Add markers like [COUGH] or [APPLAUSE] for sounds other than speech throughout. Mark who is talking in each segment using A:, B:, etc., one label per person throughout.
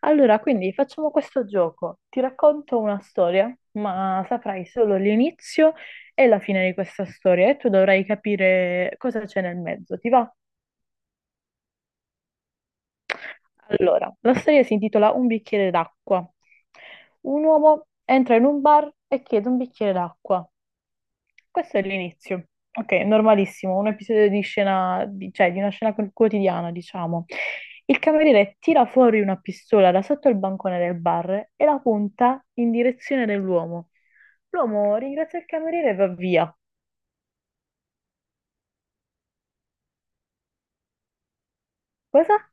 A: Allora, quindi facciamo questo gioco. Ti racconto una storia, ma saprai solo l'inizio e la fine di questa storia e tu dovrai capire cosa c'è nel mezzo. Ti va? Allora, la storia si intitola Un bicchiere d'acqua. Un uomo entra in un bar e chiede un bicchiere d'acqua. Questo è l'inizio. Ok, normalissimo, un episodio di scena, cioè di una scena quotidiana, diciamo. Il cameriere tira fuori una pistola da sotto il bancone del bar e la punta in direzione dell'uomo. L'uomo ringrazia il cameriere e va via. Cosa?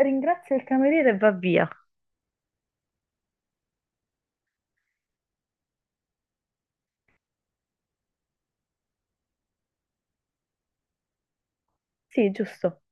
A: Ringrazia il cameriere e va via. Sì, giusto.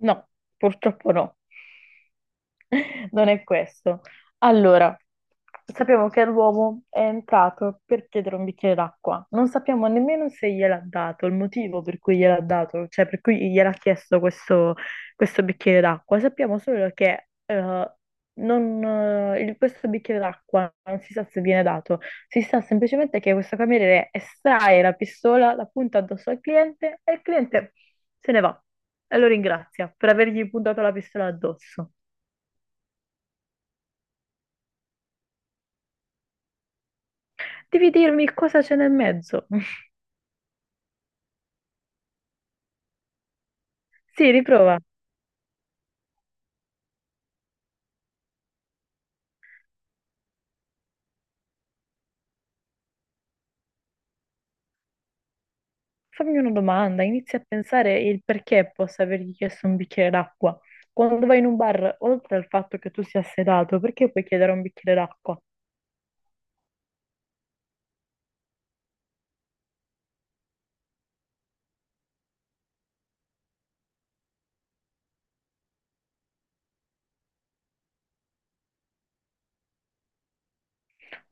A: No, purtroppo no. [LAUGHS] non è questo. Allora, sappiamo che l'uomo è entrato per chiedere un bicchiere d'acqua. Non sappiamo nemmeno se gliel'ha dato, il motivo per cui gliel'ha dato, cioè per cui gliel'ha chiesto questo, questo bicchiere d'acqua. Sappiamo solo che non, il- questo bicchiere d'acqua non si sa se viene dato, si sa semplicemente che questo cameriere estrae la pistola, la punta addosso al cliente e il cliente se ne va e lo ringrazia per avergli puntato la pistola addosso. Devi dirmi cosa c'è nel mezzo. [LAUGHS] Sì, riprova. Fammi una domanda, inizia a pensare il perché possa avergli chiesto un bicchiere d'acqua. Quando vai in un bar, oltre al fatto che tu sia sedato, perché puoi chiedere un bicchiere d'acqua?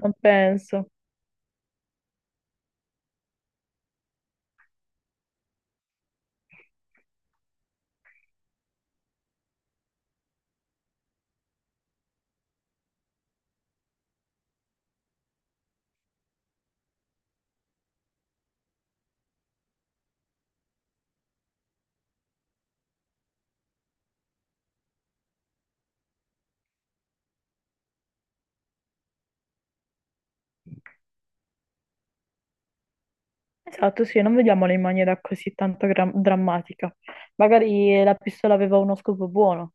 A: Non penso. Esatto, sì, non vediamola in maniera così tanto drammatica. Magari la pistola aveva uno scopo buono.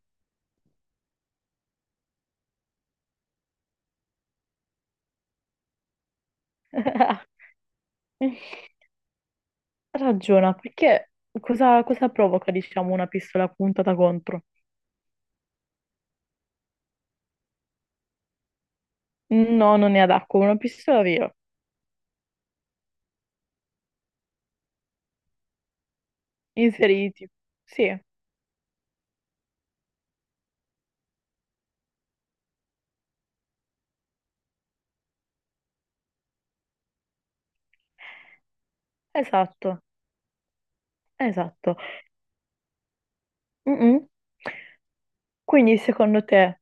A: [LAUGHS] Ragiona, perché cosa provoca, diciamo, una pistola puntata contro? No, non è ad acqua, una pistola vera. Inseriti. Sì. Esatto, esatto. Mm-mm. Quindi secondo te,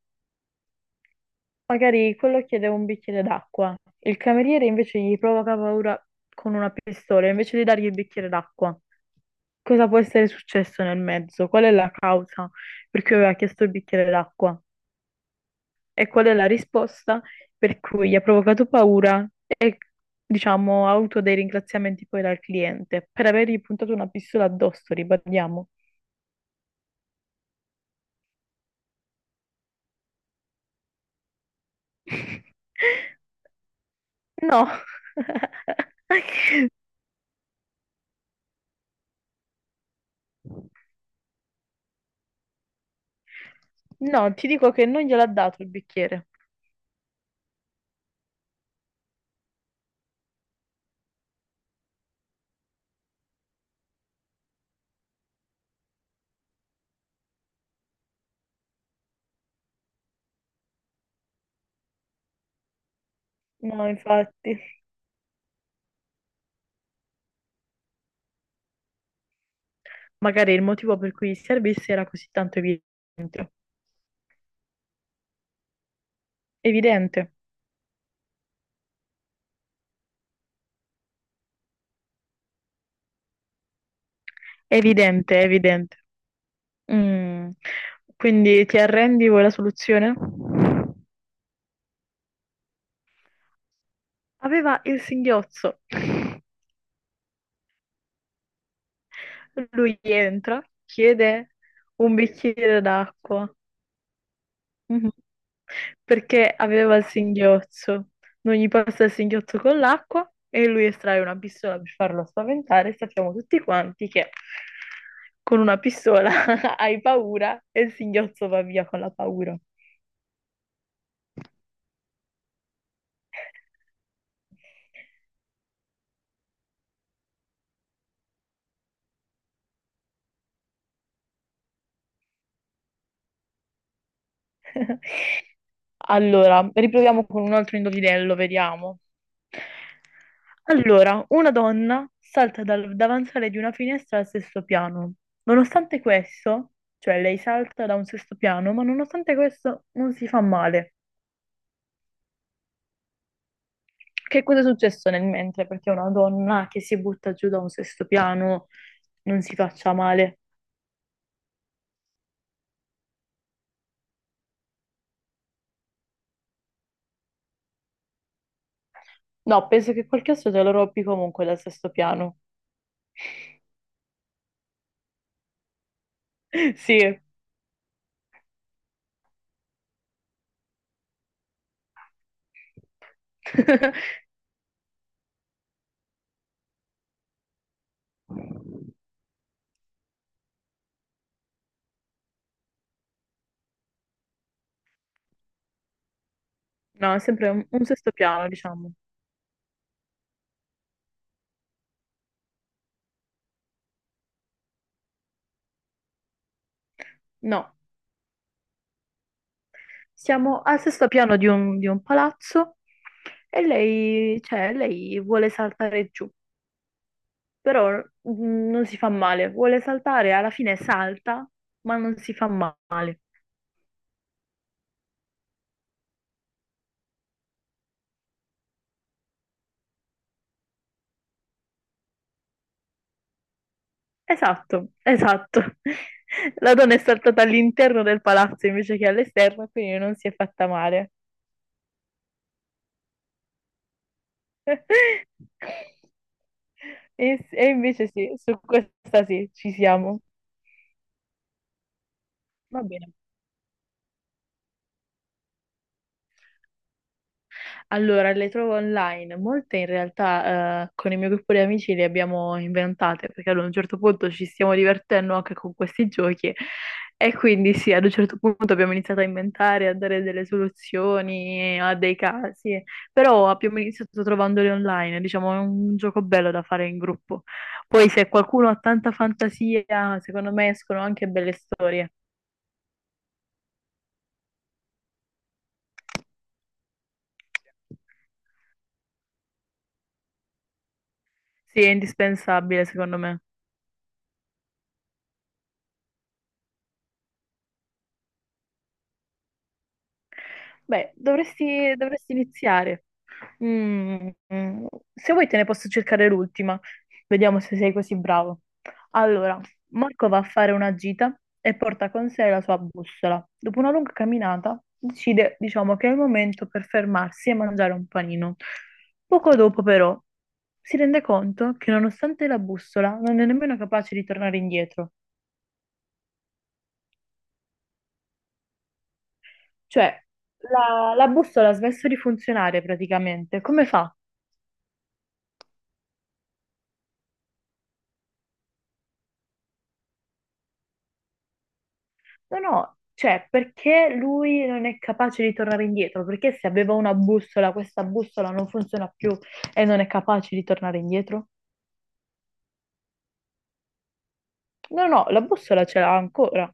A: magari quello chiede un bicchiere d'acqua, il cameriere invece gli provoca paura con una pistola, invece di dargli il bicchiere d'acqua, cosa può essere successo nel mezzo? Qual è la causa per cui aveva chiesto il bicchiere d'acqua? E qual è la risposta per cui gli ha provocato paura e, diciamo, ha avuto dei ringraziamenti poi dal cliente per avergli puntato una pistola addosso, ribadiamo. [LAUGHS] No. [LAUGHS] No, ti dico che non gliel'ha dato il bicchiere. No, infatti. Magari il motivo per cui servisse era così tanto evidente. Evidente, evidente, evidente. Mm. Quindi ti arrendi, vuoi la soluzione? Aveva il singhiozzo. Lui entra, chiede un bicchiere d'acqua. Mhm. Perché aveva il singhiozzo. Non gli passa il singhiozzo con l'acqua e lui estrae una pistola per farlo spaventare. Sappiamo tutti quanti che con una pistola [LAUGHS] hai paura e il singhiozzo va via con la paura. Allora, riproviamo con un altro indovinello, vediamo. Allora, una donna salta dal davanzale di una finestra al sesto piano. Nonostante questo, cioè lei salta da un sesto piano, ma nonostante questo non si fa male. Che cosa è successo nel mentre? Perché una donna che si butta giù da un sesto piano non si faccia male. No, penso che qualche altro te lo rompi comunque dal sesto piano. [LAUGHS] Sì. [LAUGHS] No, è sempre un sesto piano, diciamo. No, siamo al sesto piano di un palazzo e lei, cioè, lei vuole saltare giù, però non si fa male. Vuole saltare, alla fine salta, ma non si fa male. Esatto, esatto. [LAUGHS] La donna è saltata all'interno del palazzo invece che all'esterno, quindi non si è fatta male. [LAUGHS] E, e invece sì, su questa sì, ci siamo. Va bene. Allora, le trovo online. Molte in realtà con il mio gruppo di amici le abbiamo inventate perché ad un certo punto ci stiamo divertendo anche con questi giochi e quindi sì, ad un certo punto abbiamo iniziato a inventare, a dare delle soluzioni a dei casi, però abbiamo iniziato trovandoli online. Diciamo, è un gioco bello da fare in gruppo. Poi se qualcuno ha tanta fantasia, secondo me escono anche belle storie. Sì, è indispensabile, secondo me. Beh, dovresti iniziare. Mm, mm. Se vuoi te ne posso cercare l'ultima. Vediamo se sei così bravo. Allora, Marco va a fare una gita e porta con sé la sua bussola. Dopo una lunga camminata, decide, diciamo, che è il momento per fermarsi e mangiare un panino. Poco dopo, però, si rende conto che nonostante la bussola non è nemmeno capace di tornare indietro. Cioè, la bussola ha smesso di funzionare praticamente. Come fa? No, no, cioè perché lui non è capace di tornare indietro? Perché se aveva una bussola, questa bussola non funziona più e non è capace di tornare indietro? No, no, la bussola ce l'ha ancora.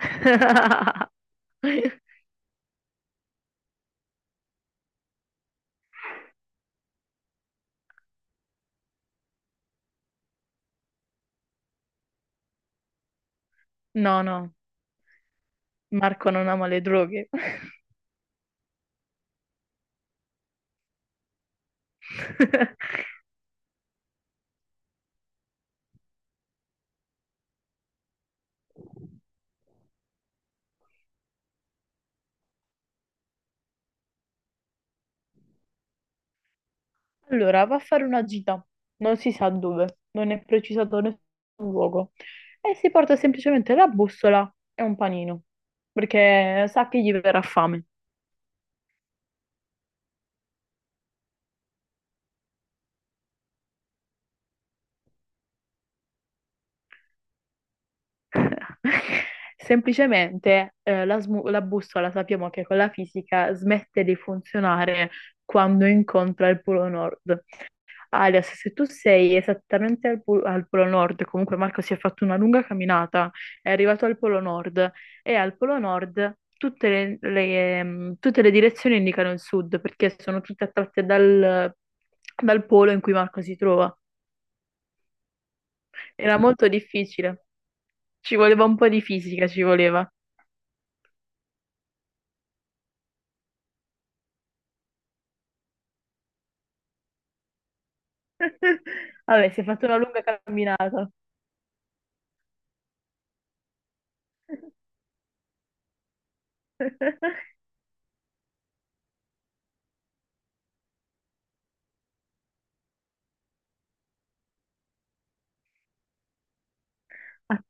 A: [LAUGHS] No, no, Marco non ama le droghe. [LAUGHS] Allora, va a fare una gita, non si sa dove, non è precisato nessun luogo. E si porta semplicemente la bussola e un panino, perché sa che gli verrà fame. [LAUGHS] Semplicemente la bussola sappiamo che con la fisica smette di funzionare quando incontra il polo nord. Alias, se tu sei esattamente al polo nord, comunque Marco si è fatto una lunga camminata, è arrivato al polo nord e al polo nord tutte tutte le direzioni indicano il sud perché sono tutte attratte dal, dal polo in cui Marco si trova. Era molto difficile, ci voleva un po' di fisica, ci voleva. [LAUGHS] Vabbè, si è fatto una lunga camminata. [LAUGHS]